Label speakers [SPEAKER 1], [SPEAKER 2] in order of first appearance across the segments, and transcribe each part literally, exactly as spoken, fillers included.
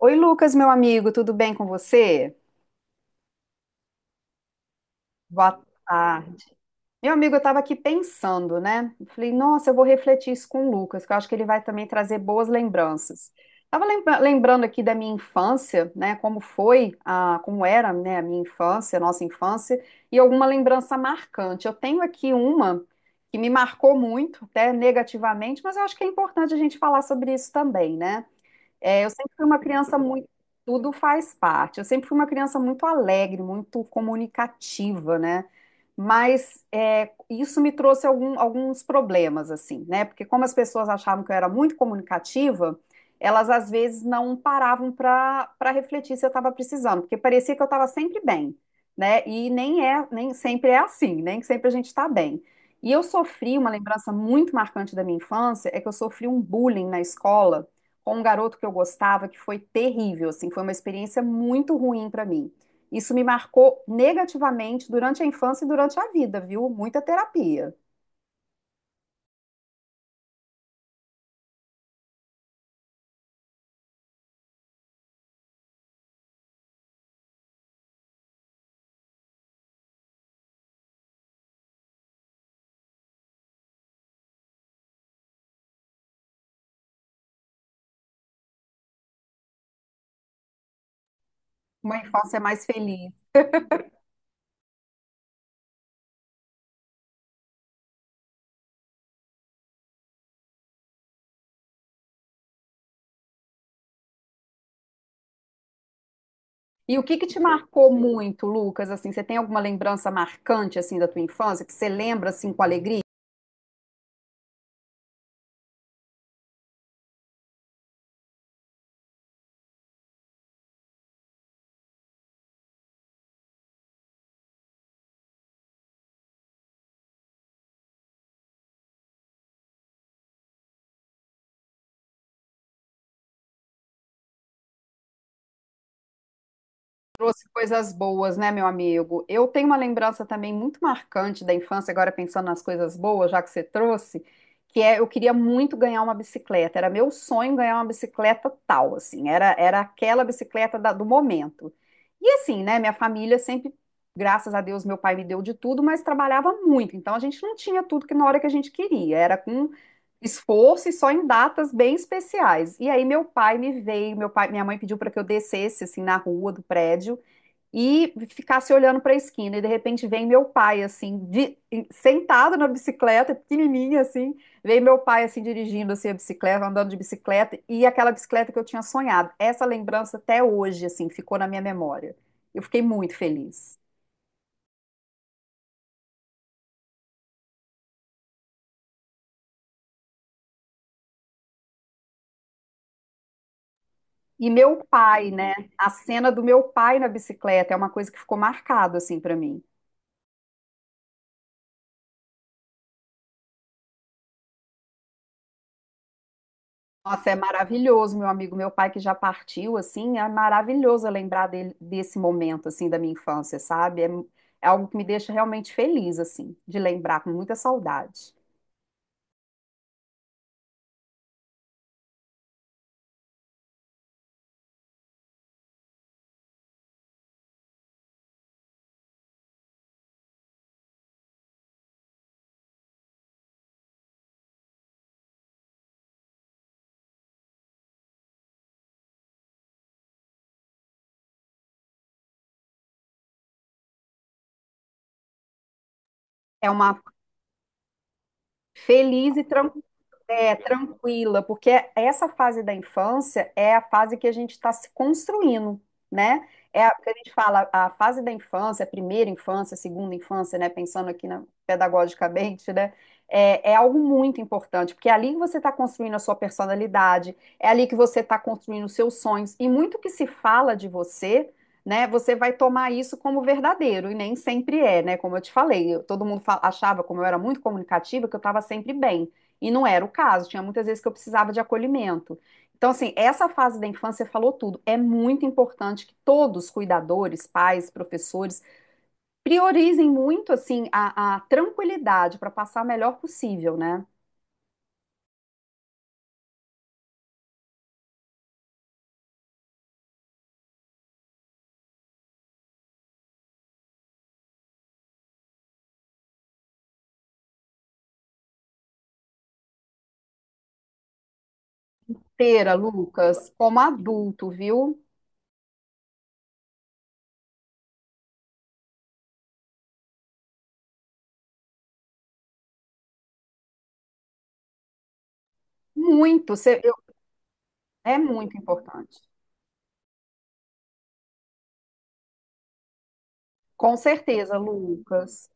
[SPEAKER 1] Oi, Lucas, meu amigo, tudo bem com você? Boa tarde. Meu amigo, eu estava aqui pensando, né? Eu falei, nossa, eu vou refletir isso com o Lucas, que eu acho que ele vai também trazer boas lembranças. Estava lembrando aqui da minha infância, né? Como foi, a, como era, né, a minha infância, a nossa infância, e alguma lembrança marcante. Eu tenho aqui uma que me marcou muito, até negativamente, mas eu acho que é importante a gente falar sobre isso também, né? É, eu sempre fui uma criança muito. Tudo faz parte. Eu sempre fui uma criança muito alegre, muito comunicativa, né? Mas é, isso me trouxe algum, alguns problemas, assim, né? Porque como as pessoas achavam que eu era muito comunicativa, elas às vezes não paravam para para refletir se eu estava precisando, porque parecia que eu estava sempre bem, né? E nem é, nem sempre é assim, né? Nem sempre a gente está bem. E eu sofri uma lembrança muito marcante da minha infância, é que eu sofri um bullying na escola com um garoto que eu gostava, que foi terrível, assim, foi uma experiência muito ruim para mim. Isso me marcou negativamente durante a infância e durante a vida, viu? Muita terapia. Uma infância mais feliz. E o que que te marcou muito, Lucas? Assim, você tem alguma lembrança marcante assim da tua infância que você lembra assim com alegria? Trouxe coisas boas, né, meu amigo? Eu tenho uma lembrança também muito marcante da infância, agora pensando nas coisas boas, já que você trouxe, que é eu queria muito ganhar uma bicicleta. Era meu sonho ganhar uma bicicleta tal, assim, era, era aquela bicicleta da- do momento. E assim, né, minha família sempre, graças a Deus, meu pai me deu de tudo, mas trabalhava muito, então a gente não tinha tudo que na hora que a gente queria, era com esforço e só em datas bem especiais. E aí meu pai me veio, meu pai, minha mãe pediu para que eu descesse assim na rua do prédio e ficasse olhando para a esquina. E de repente vem meu pai, assim, de- sentado na bicicleta, pequenininha, assim. Vem meu pai, assim, dirigindo assim, a bicicleta, andando de bicicleta, e aquela bicicleta que eu tinha sonhado. Essa lembrança até hoje, assim, ficou na minha memória. Eu fiquei muito feliz. E meu pai, né? A cena do meu pai na bicicleta é uma coisa que ficou marcado, assim, para mim. Nossa, é maravilhoso, meu amigo, meu pai que já partiu, assim, é maravilhoso eu lembrar dele, desse momento, assim, da minha infância, sabe? É, é algo que me deixa realmente feliz, assim, de lembrar com muita saudade. É uma feliz e tranquila. É, tranquila, porque essa fase da infância é a fase que a gente está se construindo, né? É a que a gente fala, a fase da infância, a primeira infância, a segunda infância, né? Pensando aqui na, pedagogicamente, né? É, é algo muito importante, porque é ali que você está construindo a sua personalidade, é ali que você está construindo os seus sonhos, e muito que se fala de você, né? Você vai tomar isso como verdadeiro, e nem sempre é, né? Como eu te falei, eu- todo mundo fa- achava, como eu era muito comunicativa, que eu estava sempre bem. E não era o caso, tinha muitas vezes que eu precisava de acolhimento. Então, assim, essa fase da infância falou tudo. É muito importante que todos, cuidadores, pais, professores, priorizem muito, assim, a, a tranquilidade para passar o melhor possível, né? Pera, Lucas, como adulto, viu? Muito, cê- eu- é muito importante. Com certeza, Lucas.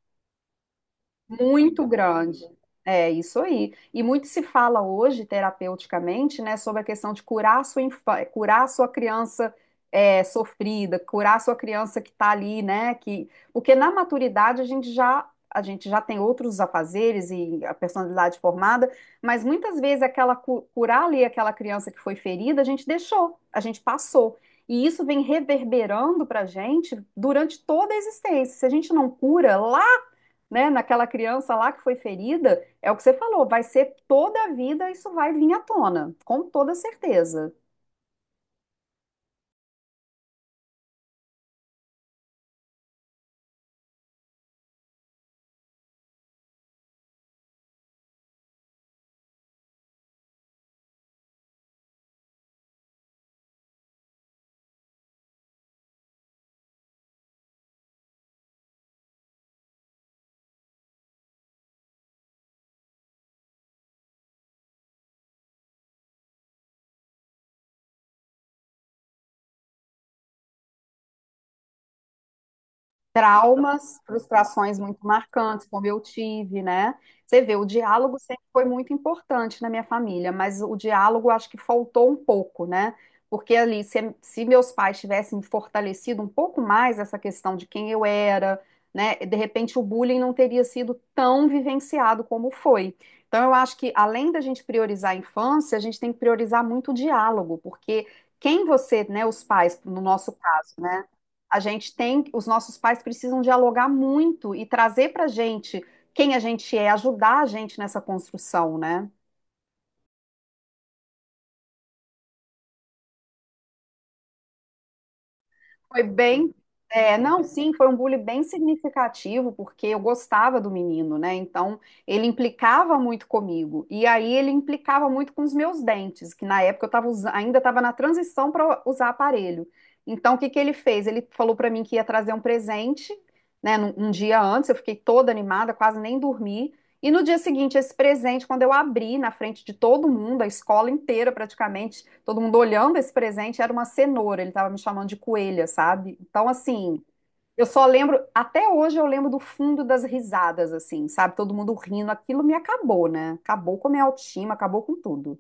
[SPEAKER 1] Muito grande. É isso aí. E muito se fala hoje, terapeuticamente, né, sobre a questão de curar a sua infa- curar a sua criança é, sofrida, curar a sua criança que está ali, né, que porque na maturidade a gente já a gente já tem outros afazeres e a personalidade formada, mas muitas vezes aquela cu- curar ali aquela criança que foi ferida, a gente deixou, a gente passou. E isso vem reverberando para a gente durante toda a existência. Se a gente não cura lá, né, naquela criança lá que foi ferida, é o que você falou, vai ser toda a vida, isso vai vir à tona, com toda certeza. Traumas, frustrações muito marcantes, como eu tive, né? Você vê, o diálogo sempre foi muito importante na minha família, mas o diálogo acho que faltou um pouco, né? Porque ali, se, se meus pais tivessem fortalecido um pouco mais essa questão de quem eu era, né? De repente o bullying não teria sido tão vivenciado como foi. Então eu acho que além da gente priorizar a infância, a gente tem que priorizar muito o diálogo, porque quem você, né, os pais, no nosso caso, né? A gente tem, os nossos pais precisam dialogar muito e trazer para a gente quem a gente é, ajudar a gente nessa construção, né? Foi bem, é, não, sim, foi um bullying bem significativo, porque eu gostava do menino, né? Então, ele implicava muito comigo. E aí, ele implicava muito com os meus dentes, que na época eu tava, usa- ainda estava na transição para usar aparelho. Então, o que que ele fez? Ele falou para mim que ia trazer um presente, né? num- Um dia antes, eu fiquei toda animada, quase nem dormi. E no dia seguinte, esse presente, quando eu abri na frente de todo mundo, a escola inteira praticamente, todo mundo olhando esse presente, era uma cenoura, ele estava me chamando de coelha, sabe? Então, assim, eu só lembro, até hoje eu lembro do fundo das risadas, assim, sabe? Todo mundo rindo, aquilo me acabou, né? Acabou com a minha autoestima, acabou com tudo.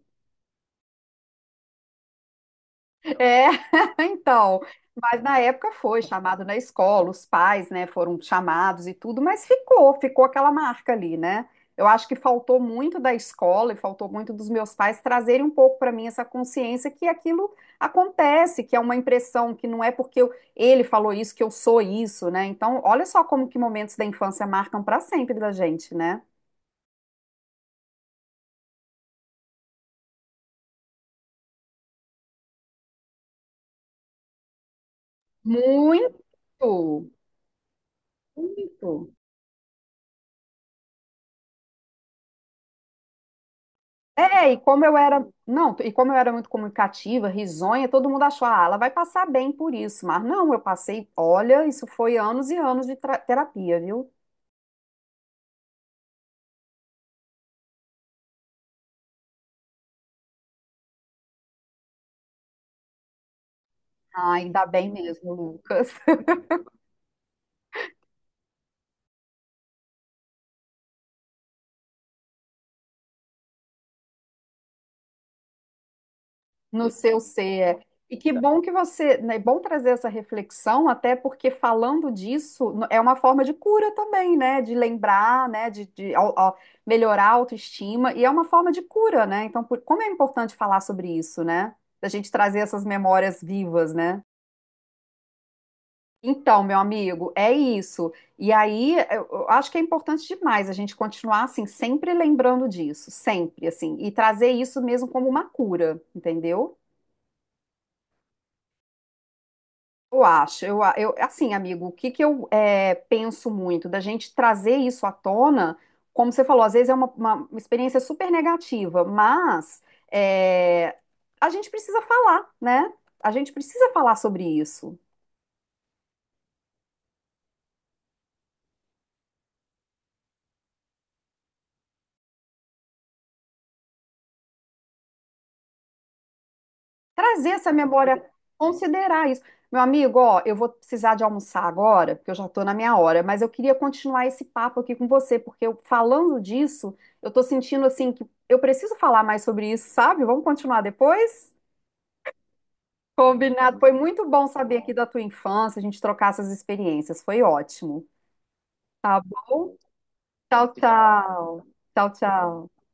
[SPEAKER 1] É, então, mas na época foi chamado na escola, os pais, né, foram chamados e tudo, mas ficou, ficou, aquela marca ali, né? Eu acho que faltou muito da escola e faltou muito dos meus pais trazerem um pouco para mim essa consciência que aquilo acontece, que é uma impressão, que não é porque eu- ele falou isso que eu sou isso, né? Então, olha só como que momentos da infância marcam para sempre da gente, né? Muito, muito. É, e como eu era, não, e como eu era muito comunicativa, risonha, todo mundo achou, ah, ela vai passar bem por isso, mas não, eu passei, olha, isso foi anos e anos de tra- terapia, viu? Ah, ainda bem mesmo, Lucas, no seu ser. E que bom que você, né, é bom trazer essa reflexão, até porque falando disso no- é uma forma de cura também, né? De lembrar, né? De, de au- au- melhorar a autoestima, e é uma forma de cura, né? Então, por- como é importante falar sobre isso, né? Da gente trazer essas memórias vivas, né? Então, meu amigo, é isso. E aí, eu eu acho que é importante demais a gente continuar assim, sempre lembrando disso, sempre assim, e trazer isso mesmo como uma cura, entendeu? Eu acho, eu, a- eu assim, amigo, o que que eu é, penso muito da gente trazer isso à tona, como você falou, às vezes é uma, uma experiência super negativa, mas é, a gente precisa falar, né? A gente precisa falar sobre isso. Trazer essa memória, considerar isso. Meu amigo, ó, eu vou precisar de almoçar agora, porque eu já estou na minha hora, mas eu queria continuar esse papo aqui com você, porque eu, falando disso, eu estou sentindo assim que eu preciso falar mais sobre isso, sabe? Vamos continuar depois? Combinado. Foi muito bom saber aqui da tua infância, a gente trocar essas experiências. Foi ótimo. Tá bom? Tchau, tchau. Tchau, tchau.